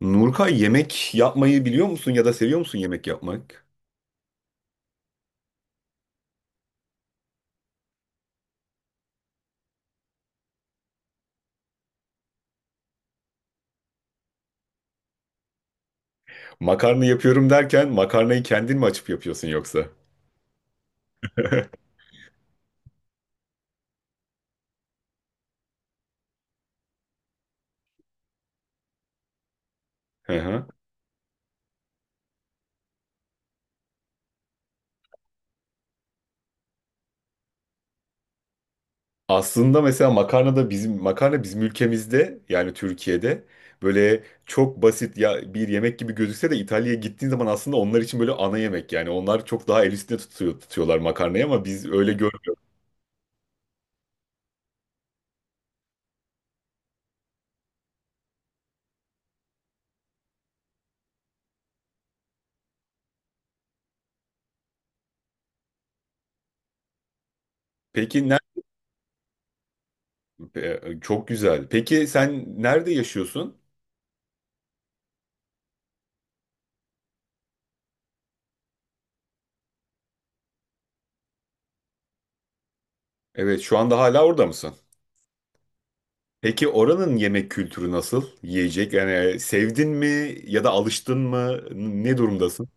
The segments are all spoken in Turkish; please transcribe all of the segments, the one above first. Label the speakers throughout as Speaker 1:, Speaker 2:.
Speaker 1: Nurkay yemek yapmayı biliyor musun ya da seviyor musun yemek yapmak? Makarna yapıyorum derken makarnayı kendin mi açıp yapıyorsun yoksa? Hı hı. Aslında mesela makarna da bizim makarna bizim ülkemizde yani Türkiye'de böyle çok basit ya bir yemek gibi gözükse de İtalya'ya gittiğin zaman aslında onlar için böyle ana yemek yani onlar çok daha el üstünde tutuyorlar makarnayı ama biz öyle görmüyoruz. Peki ne? Çok güzel. Peki sen nerede yaşıyorsun? Evet şu anda hala orada mısın? Peki oranın yemek kültürü nasıl? Yiyecek yani sevdin mi ya da alıştın mı? Ne durumdasın?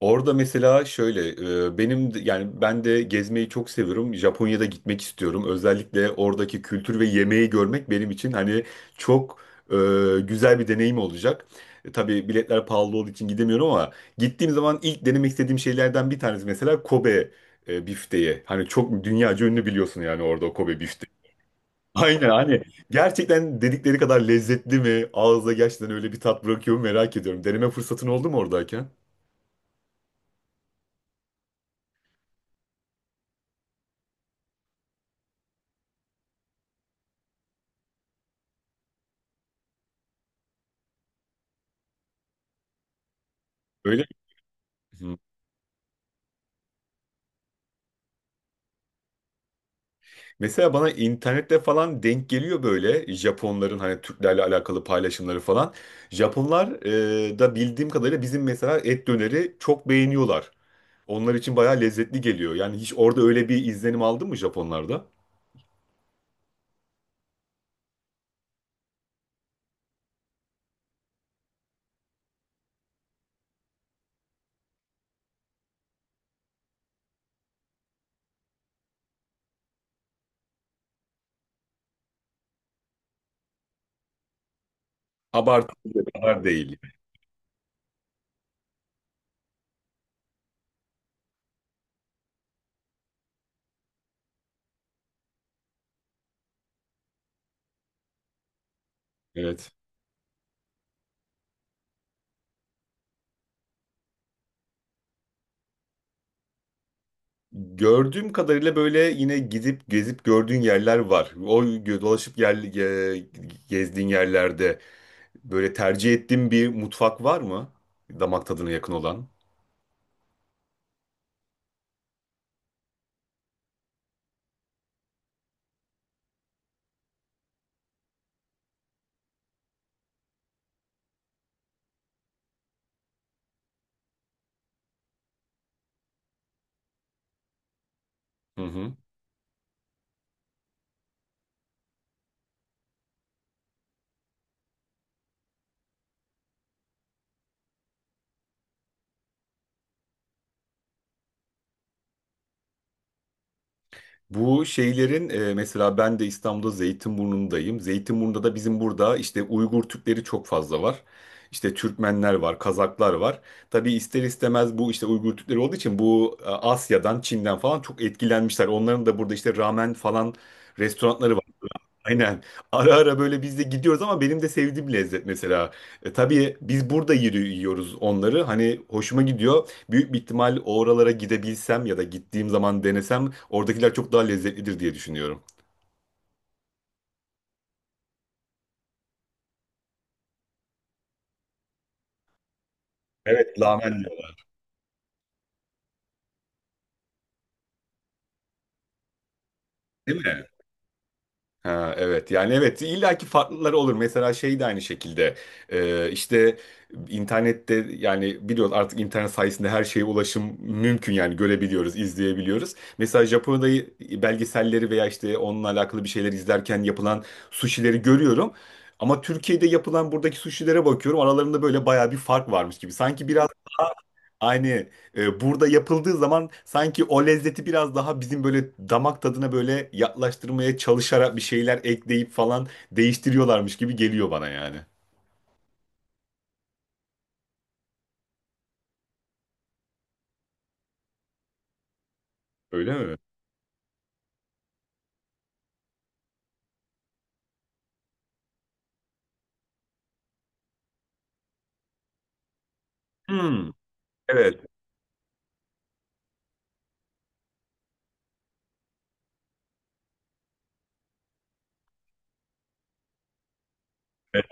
Speaker 1: Orada mesela şöyle yani ben de gezmeyi çok seviyorum. Japonya'da gitmek istiyorum. Özellikle oradaki kültür ve yemeği görmek benim için hani çok e, güzel bir deneyim olacak. Tabii biletler pahalı olduğu için gidemiyorum ama gittiğim zaman ilk denemek istediğim şeylerden bir tanesi mesela Kobe bifteyi. Hani çok dünyaca ünlü biliyorsun yani orada o Kobe bifteği. Aynen hani gerçekten dedikleri kadar lezzetli mi? Ağızda gerçekten öyle bir tat bırakıyor mu merak ediyorum. Deneme fırsatın oldu mu oradayken? Öyle mi? Hı. Mesela bana internette falan denk geliyor böyle Japonların hani Türklerle alakalı paylaşımları falan. Japonlar da bildiğim kadarıyla bizim mesela et döneri çok beğeniyorlar. Onlar için bayağı lezzetli geliyor. Yani hiç orada öyle bir izlenim aldın mı Japonlarda? Abartılı kadar değil. Evet. Gördüğüm kadarıyla böyle yine gidip gezip gördüğün yerler var. Dolaşıp gezdiğin yerlerde böyle tercih ettiğin bir mutfak var mı? Damak tadına yakın olan. Hı hı. Bu şeylerin mesela ben de İstanbul'da Zeytinburnu'ndayım. Zeytinburnu'nda da bizim burada işte Uygur Türkleri çok fazla var. İşte Türkmenler var, Kazaklar var. Tabii ister istemez bu işte Uygur Türkleri olduğu için bu Asya'dan, Çin'den falan çok etkilenmişler. Onların da burada işte ramen falan restoranları var. Aynen. Ara ara böyle biz de gidiyoruz ama benim de sevdiğim lezzet mesela. Tabii biz burada yiyoruz onları. Hani hoşuma gidiyor. Büyük bir ihtimal oralara gidebilsem ya da gittiğim zaman denesem oradakiler çok daha lezzetlidir diye düşünüyorum. Evet, lahmacun. Değil mi? Ha, evet yani evet illaki farklıları olur. Mesela şey de aynı şekilde. İşte internette yani biliyoruz artık internet sayesinde her şeye ulaşım mümkün yani görebiliyoruz, izleyebiliyoruz. Mesela Japonya'da belgeselleri veya işte onunla alakalı bir şeyler izlerken yapılan sushileri görüyorum. Ama Türkiye'de yapılan buradaki sushilere bakıyorum aralarında böyle bayağı bir fark varmış gibi. Sanki biraz aynı, burada yapıldığı zaman sanki o lezzeti biraz daha bizim böyle damak tadına böyle yaklaştırmaya çalışarak bir şeyler ekleyip falan değiştiriyorlarmış gibi geliyor bana yani. Öyle mi? Hmm, evet. Evet.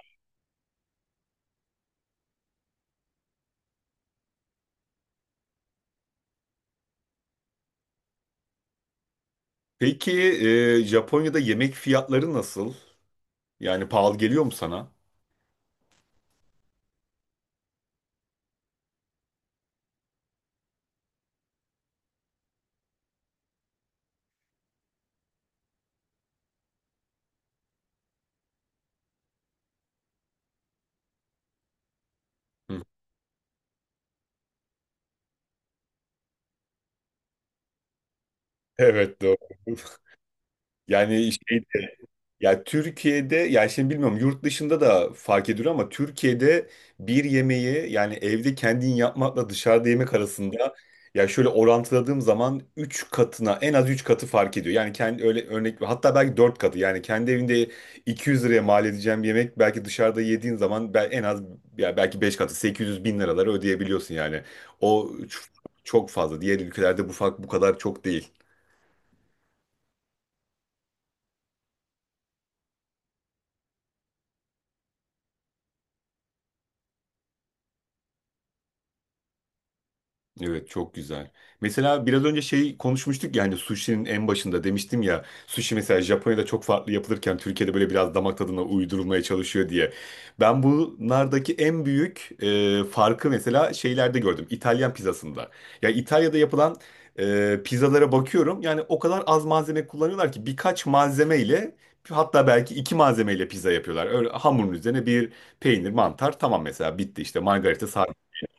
Speaker 1: Peki Japonya'da yemek fiyatları nasıl? Yani pahalı geliyor mu sana? Hı. Evet doğru. Yani şey. Ya Türkiye'de ya şimdi bilmiyorum yurt dışında da fark ediliyor ama Türkiye'de bir yemeği yani evde kendin yapmakla dışarıda yemek arasında ya şöyle orantıladığım zaman 3 katına en az 3 katı fark ediyor. Yani kendi öyle örnek hatta belki 4 katı yani kendi evinde 200 liraya mal edeceğim bir yemek belki dışarıda yediğin zaman en az ya belki 5 katı 800 bin liraları ödeyebiliyorsun yani. O ç- Çok fazla. Diğer ülkelerde bu fark bu kadar çok değil. Evet çok güzel. Mesela biraz önce şey konuşmuştuk ya hani sushi'nin en başında demiştim ya sushi mesela Japonya'da çok farklı yapılırken Türkiye'de böyle biraz damak tadına uydurulmaya çalışıyor diye. Ben bunlardaki en büyük farkı mesela şeylerde gördüm. İtalyan pizzasında. Ya İtalya'da yapılan pizzalara bakıyorum yani o kadar az malzeme kullanıyorlar ki birkaç malzemeyle hatta belki iki malzemeyle pizza yapıyorlar. Öyle hamurun üzerine bir peynir, mantar tamam mesela bitti işte margarita.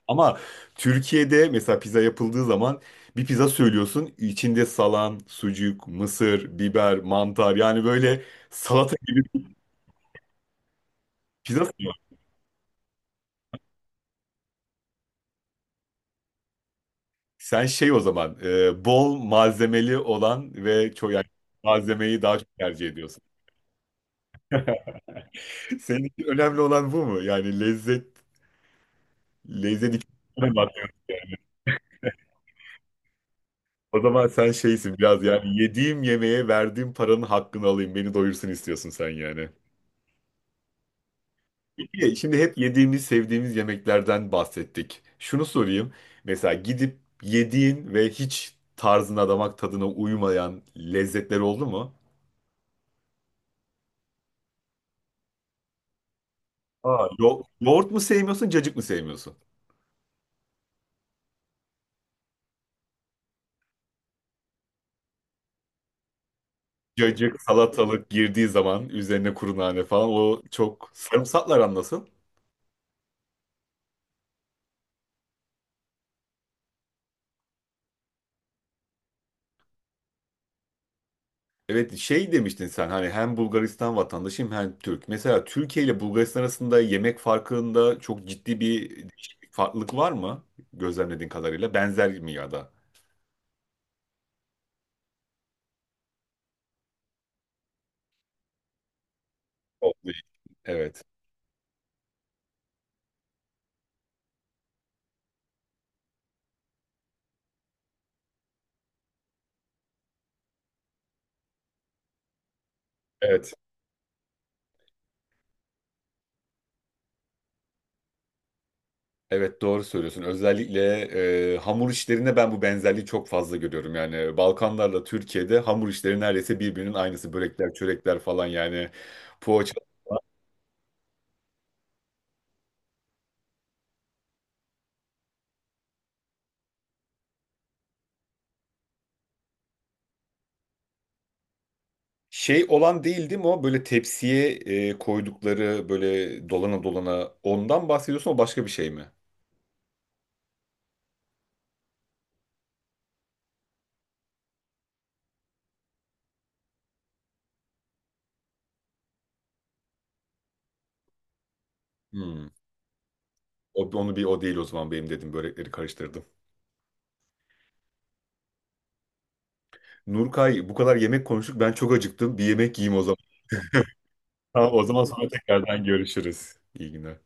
Speaker 1: Ama Türkiye'de mesela pizza yapıldığı zaman bir pizza söylüyorsun. İçinde salam, sucuk, mısır, biber, mantar yani böyle salata gibi bir pizza söylüyorsun. Sen şey o zaman bol malzemeli olan ve çok yani malzemeyi daha çok tercih ediyorsun. Senin için önemli olan bu mu? Yani lezzet, lezzet için önemli olan. O zaman sen şeysin biraz yani yediğim yemeğe verdiğim paranın hakkını alayım beni doyursun istiyorsun sen yani. Peki, şimdi hep yediğimiz, sevdiğimiz yemeklerden bahsettik. Şunu sorayım. Mesela gidip yediğin ve hiç tarzına, damak tadına uymayan lezzetler oldu mu? Yoğurt mu sevmiyorsun, cacık mı sevmiyorsun? Cacık, salatalık girdiği zaman üzerine kuru nane falan o çok sarımsaklar anlasın. Evet şey demiştin sen hani hem Bulgaristan vatandaşıyım hem Türk. Mesela Türkiye ile Bulgaristan arasında yemek farkında çok ciddi bir değişiklik, farklılık var mı? Gözlemlediğin kadarıyla benzer mi ya da? Evet. Evet. Evet doğru söylüyorsun. Özellikle hamur işlerinde ben bu benzerliği çok fazla görüyorum. Yani Balkanlarla Türkiye'de hamur işleri neredeyse birbirinin aynısı. Börekler, çörekler falan yani poğaça. Şey olan değil değil mi o? Böyle tepsiye koydukları böyle dolana dolana ondan bahsediyorsun o başka bir şey mi? Hmm. Onu bir o değil o zaman benim dedim börekleri karıştırdım. Nurkay bu kadar yemek konuştuk ben çok acıktım. Bir yemek yiyeyim o zaman. Tamam, o zaman sonra tekrardan görüşürüz. İyi günler.